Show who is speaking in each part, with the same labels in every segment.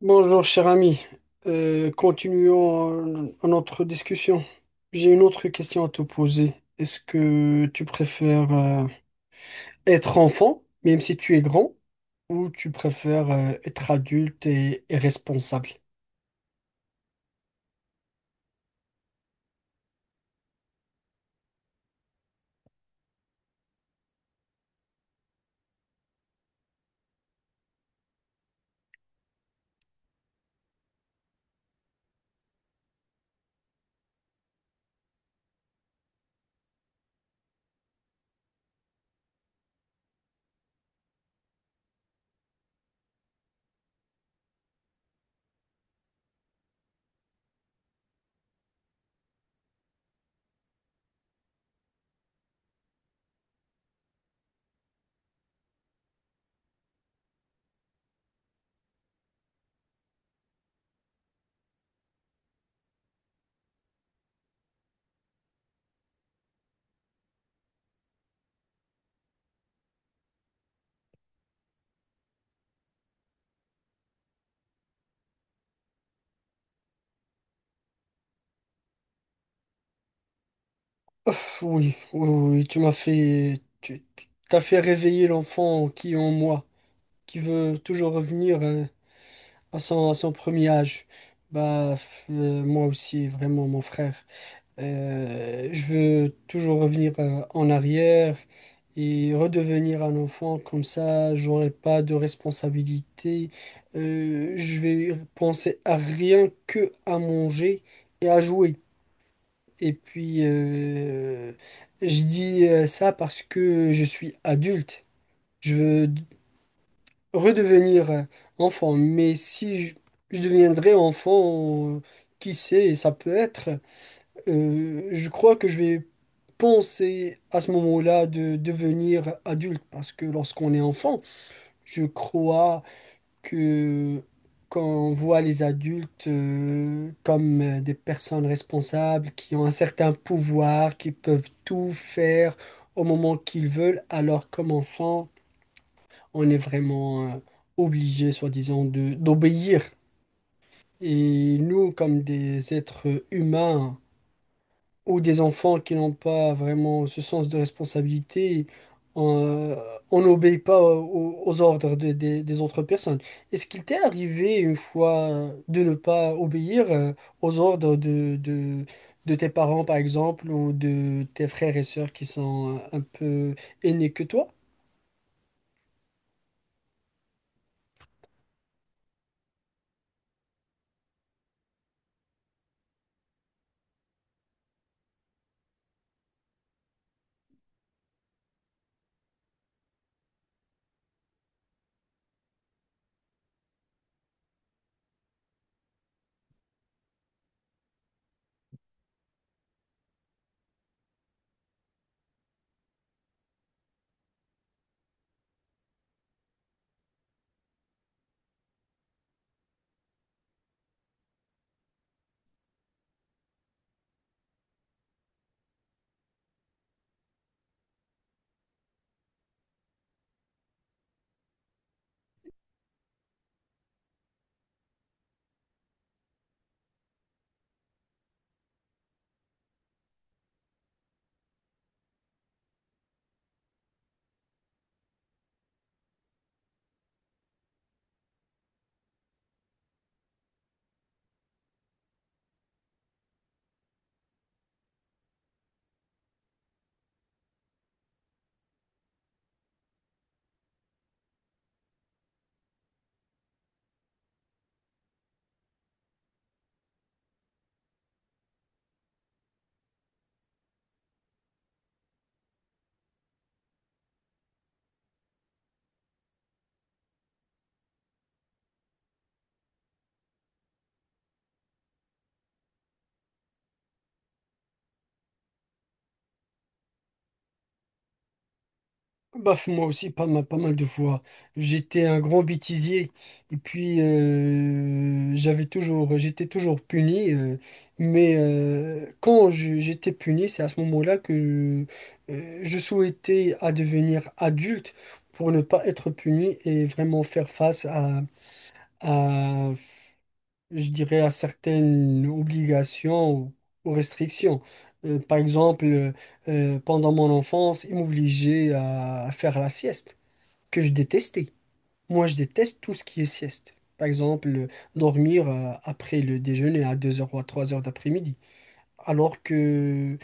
Speaker 1: Bonjour cher ami. Continuons notre discussion. J'ai une autre question à te poser. Est-ce que tu préfères être enfant, même si tu es grand, ou tu préfères être adulte et responsable? Ouf, oui, oui, oui, oui, t'as fait réveiller l'enfant qui est en moi, qui veut toujours revenir à son premier âge. Moi aussi, vraiment, mon frère. Je veux toujours revenir en arrière et redevenir un enfant, comme ça j'aurai pas de responsabilité. Je vais penser à rien que à manger et à jouer. Et puis je dis ça parce que je suis adulte. Je veux d- Redevenir enfant, mais si je, je deviendrais enfant, qui sait, ça peut être. Je crois que je vais penser à ce moment-là de devenir adulte parce que lorsqu'on est enfant, je crois que quand on voit les adultes comme des personnes responsables qui ont un certain pouvoir, qui peuvent tout faire au moment qu'ils veulent, alors comme enfant, on est vraiment obligé, soi-disant, de d'obéir. Et nous, comme des êtres humains, ou des enfants qui n'ont pas vraiment ce sens de responsabilité, on on n'obéit pas aux, ordres des autres personnes. Est-ce qu'il t'est arrivé une fois de ne pas obéir aux ordres de tes parents, par exemple, ou de tes frères et sœurs qui sont un peu aînés que toi? Baf, moi aussi, pas mal, pas mal de fois. J'étais un grand bêtisier et puis j'étais toujours puni. Quand j'étais puni, c'est à ce moment-là que je souhaitais à devenir adulte pour ne pas être puni et vraiment faire face à, je dirais, à certaines obligations ou restrictions. Par exemple, pendant mon enfance, ils m'obligeaient à faire la sieste que je détestais. Moi, je déteste tout ce qui est sieste. Par exemple, dormir après le déjeuner à 2 heures ou à 3 heures d'après-midi. Alors que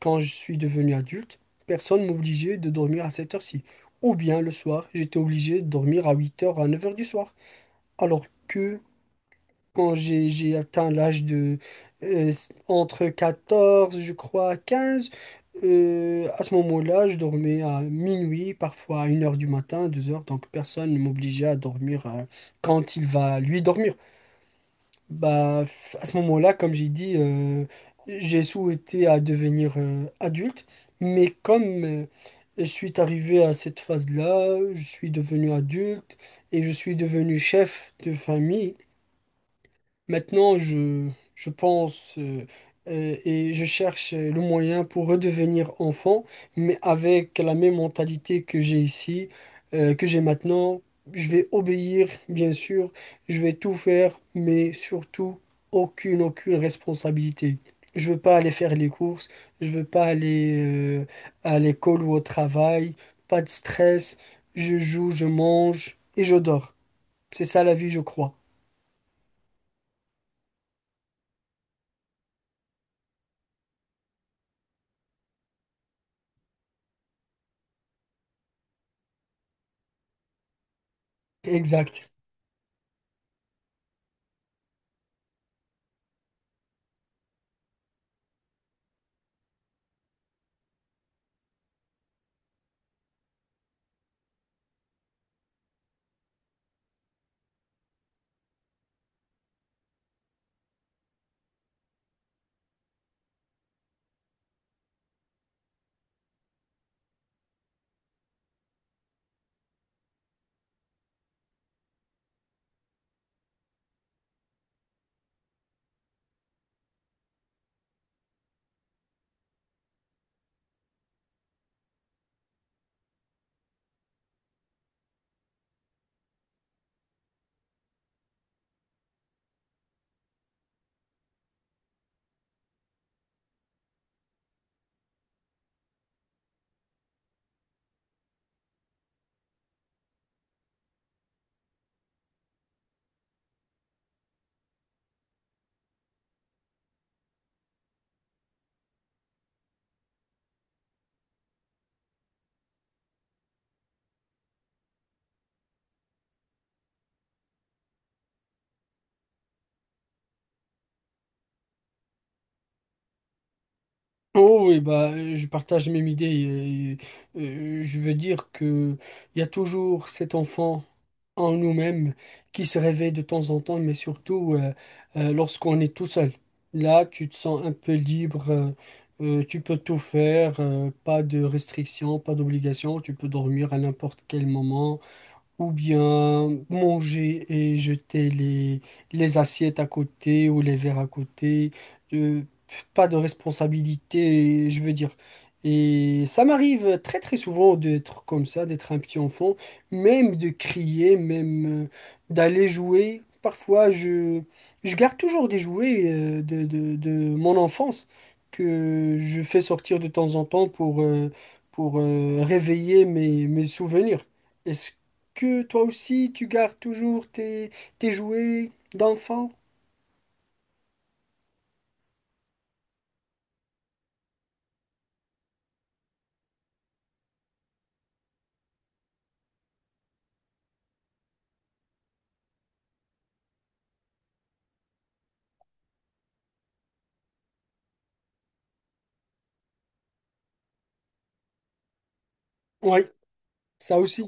Speaker 1: quand je suis devenu adulte, personne ne m'obligeait de dormir à cette heure-ci. Ou bien le soir, j'étais obligé de dormir à 8 heures à 9 heures du soir. Alors que quand j'ai atteint l'âge de s- entre 14, je crois, 15. À ce moment-là, je dormais à minuit, parfois à 1 heure du matin, 2 heures. Donc personne ne m'obligeait à dormir quand il va lui dormir. À ce moment-là, comme j'ai dit, j'ai souhaité à devenir adulte, mais comme je suis arrivé à cette phase-là, je suis devenu adulte et je suis devenu chef de famille. Maintenant, je pense et je cherche le moyen pour redevenir enfant, mais avec la même mentalité que j'ai ici, que j'ai maintenant. Je vais obéir, bien sûr, je vais tout faire, mais surtout, aucune responsabilité. Je veux pas aller faire les courses, je veux pas aller à l'école ou au travail, pas de stress, je joue, je mange et je dors. C'est ça la vie, je crois. Exact. Oh oui, je partage la même idée. euh, je veux dire que il y a toujours cet enfant en nous-mêmes qui se réveille de temps en temps, mais surtout lorsqu'on est tout seul. Là, tu te sens un peu libre, tu peux tout faire, pas de restrictions, pas d'obligations, tu peux dormir à n'importe quel moment, ou bien manger et jeter les assiettes à côté ou les verres à côté. Euh, Pas de responsabilité, je veux dire. Et ça m'arrive très très souvent d'être comme ça, d'être un petit enfant, même de crier, même d'aller jouer. Parfois, je garde toujours des jouets de mon enfance que je fais sortir de temps en temps pour réveiller mes souvenirs. Est-ce que toi aussi, tu gardes toujours tes jouets d'enfant? Oui, ça aussi.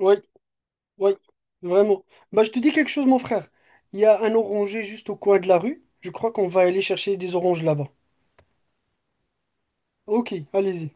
Speaker 1: Oui, oui, vraiment. Bah, je te dis quelque chose, mon frère. Il y a un oranger juste au coin de la rue. Je crois qu'on va aller chercher des oranges là-bas. Ok, allez-y.